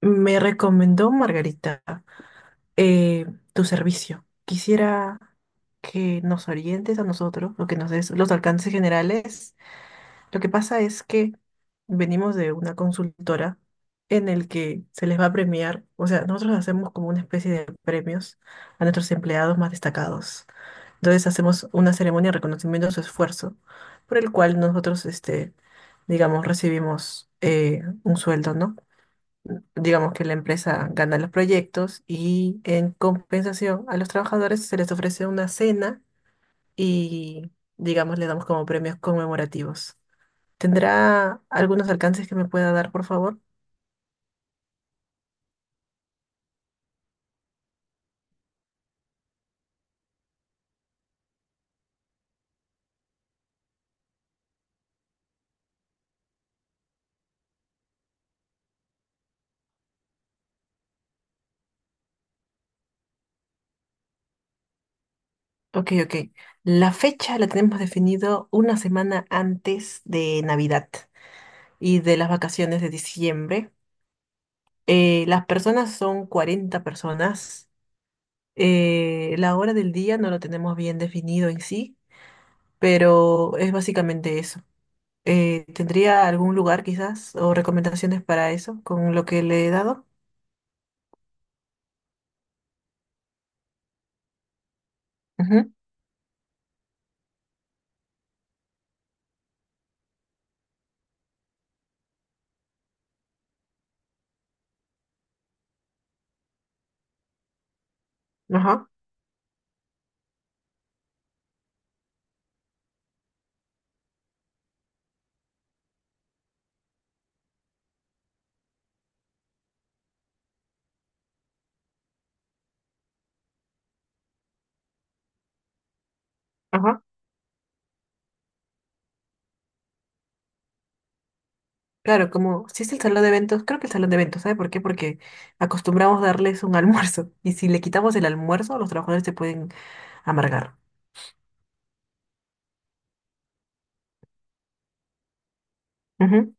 Me recomendó Margarita eh, tu servicio. Quisiera que nos orientes a nosotros, o que nos des los alcances generales. Lo que pasa es que venimos de una consultora en el que se les va a premiar, o sea, nosotros hacemos como una especie de premios a nuestros empleados más destacados. Entonces hacemos una ceremonia de reconocimiento de su esfuerzo, por el cual nosotros, digamos, recibimos un sueldo, ¿no? Digamos que la empresa gana los proyectos y en compensación a los trabajadores se les ofrece una cena y, digamos, le damos como premios conmemorativos. ¿Tendrá algunos alcances que me pueda dar, por favor? Ok, ok. La fecha la tenemos definido una semana antes de Navidad y de las vacaciones de diciembre. Las personas son 40 personas. La hora del día no lo tenemos bien definido en sí, pero es básicamente eso. ¿Tendría algún lugar quizás o recomendaciones para eso con lo que le he dado? Ujú. Ajá, ajá. Claro, como si es el salón de eventos, creo que el salón de eventos, ¿sabe por qué? Porque acostumbramos darles un almuerzo y si le quitamos el almuerzo, los trabajadores se pueden amargar. Ujú.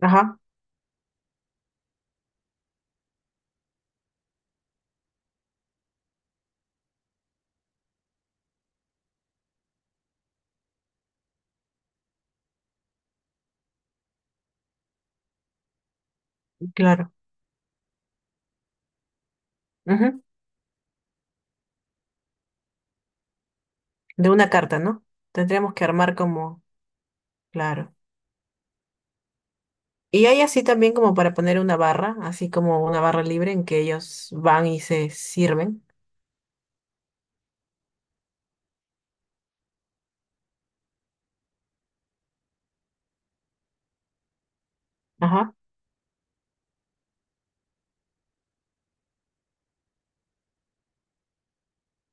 Ajá, claro. Ujú. De una carta, ¿no? Tendríamos que armar como, claro. Y hay así también como para poner una barra, así como una barra libre en que ellos van y se sirven. Ajá.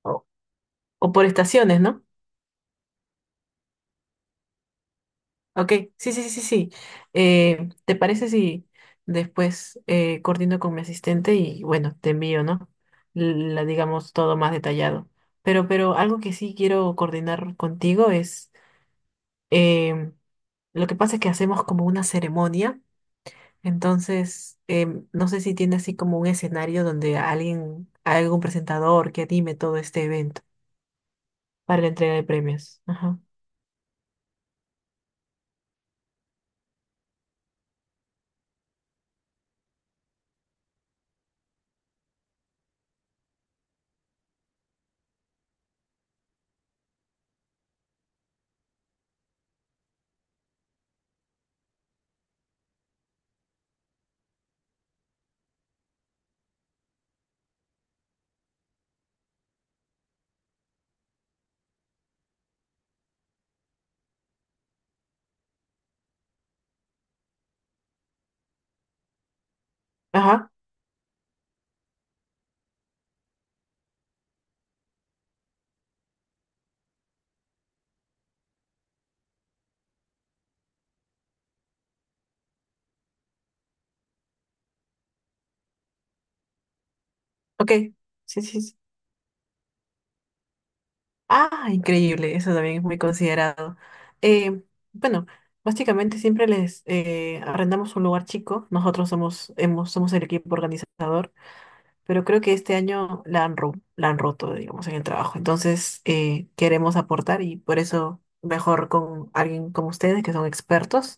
O, o por estaciones, ¿no? Ok, sí, sí, sí, sí. ¿Te parece si después coordino con mi asistente y bueno, te envío, ¿no? La digamos todo más detallado. Pero algo que sí quiero coordinar contigo es, em, lo que pasa es que hacemos como una ceremonia, entonces no sé si tiene así como un escenario donde alguien, algún presentador que anime todo este evento para la entrega de premios. Ajá. Ajá. Ok. Sí, sí, sí. Ah, increíble, eso también es muy considerado. Eh, bueno, básicamente siempre les arrendamos un lugar chico, nosotros somos, hemos, somos el equipo organizador, pero creo que este año la han, la han roto, digamos, en el trabajo. Entonces, queremos aportar y por eso mejor con alguien como ustedes, que son expertos,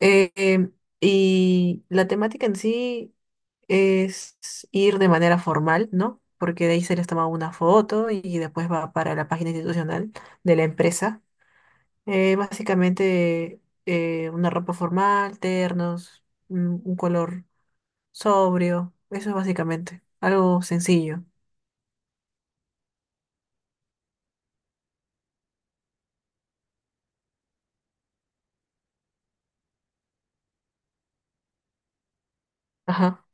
eh, em, y la temática en sí es ir de manera formal, ¿no? Porque de ahí se les toma una foto y después va para la página institucional de la empresa. Básicamente una ropa formal, ternos, un color sobrio, eso es básicamente algo sencillo. Ajá.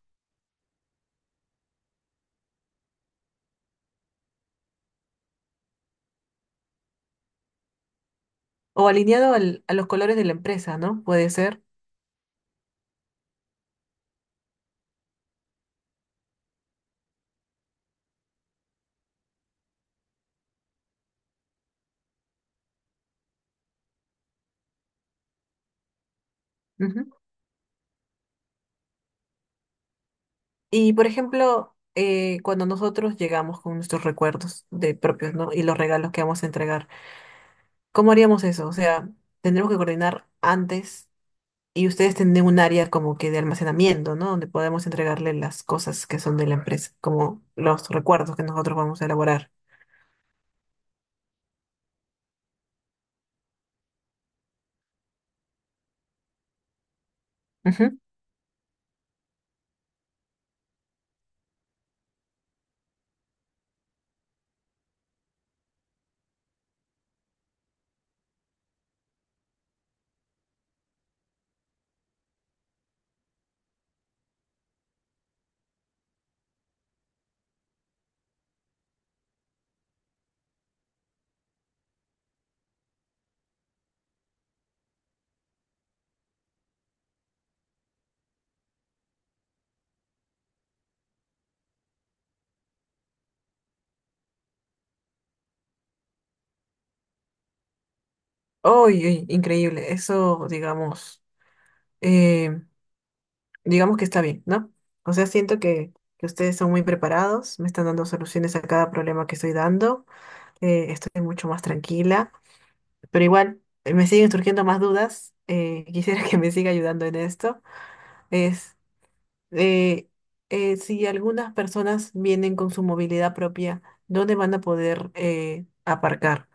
O alineado a los colores de la empresa, ¿no? Puede ser. Y por ejemplo, cuando nosotros llegamos con nuestros recuerdos de propios, ¿no? Y los regalos que vamos a entregar, ¿cómo haríamos eso? O sea, tendremos que coordinar antes y ustedes tienen un área como que de almacenamiento, ¿no? Donde podemos entregarle las cosas que son de la empresa, como los recuerdos que nosotros vamos a elaborar. Ujú. Uy, uy, increíble. Eso, digamos, eh, digamos que está bien, ¿no? O sea, siento que ustedes son muy preparados, me están dando soluciones a cada problema que estoy dando. Estoy mucho más tranquila, pero igual me siguen surgiendo más dudas. Quisiera que me siga ayudando en esto. Es eh, si algunas personas vienen con su movilidad propia, ¿dónde van a poder aparcar?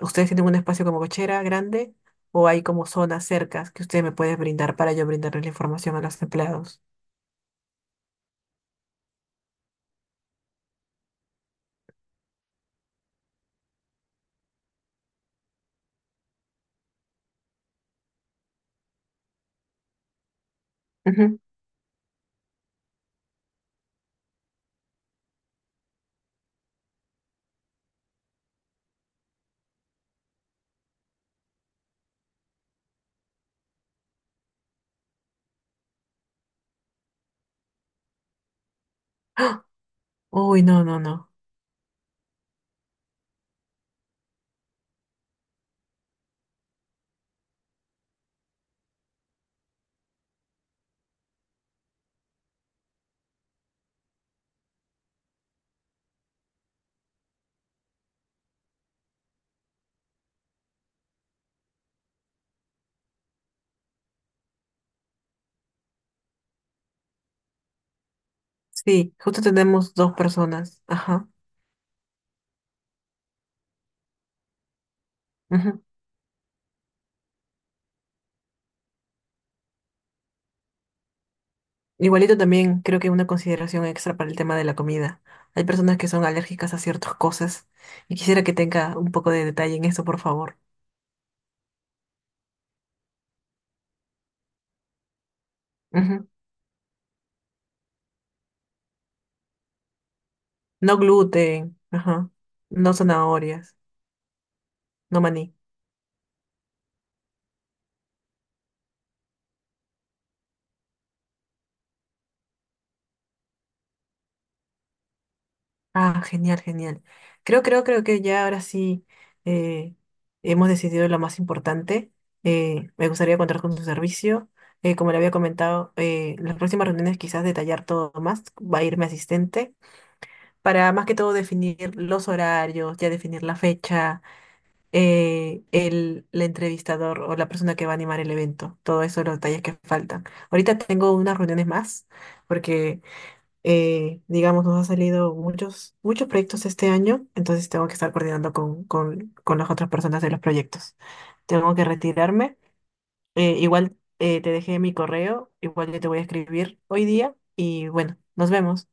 ¿Ustedes tienen un espacio como cochera grande o hay como zonas cercas que ustedes me pueden brindar para yo brindarles la información a los empleados? Ujú. ¡Ah! Uy, no, no, no. Sí, justo tenemos 2 personas. Ajá. Igualito también creo que una consideración extra para el tema de la comida. Hay personas que son alérgicas a ciertas cosas y quisiera que tenga un poco de detalle en eso, por favor. Ujú. No gluten, ajá. No zanahorias, no maní. Ah, genial, genial. Creo que ya ahora sí eh, hemos decidido lo más importante. Me gustaría contar con su servicio. Como le había comentado, las próximas reuniones quizás detallar todo más. Va a ir mi asistente. Para más que todo definir los horarios, ya definir la fecha, el entrevistador o la persona que va a animar el evento, todo eso, los detalles que faltan. Ahorita tengo unas reuniones más porque, digamos, nos han salido muchos proyectos este año, entonces tengo que estar coordinando con las otras personas de los proyectos. Tengo que retirarme. Igual te dejé mi correo, igual yo te voy a escribir hoy día y bueno, nos vemos.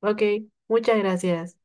Ok, muchas gracias.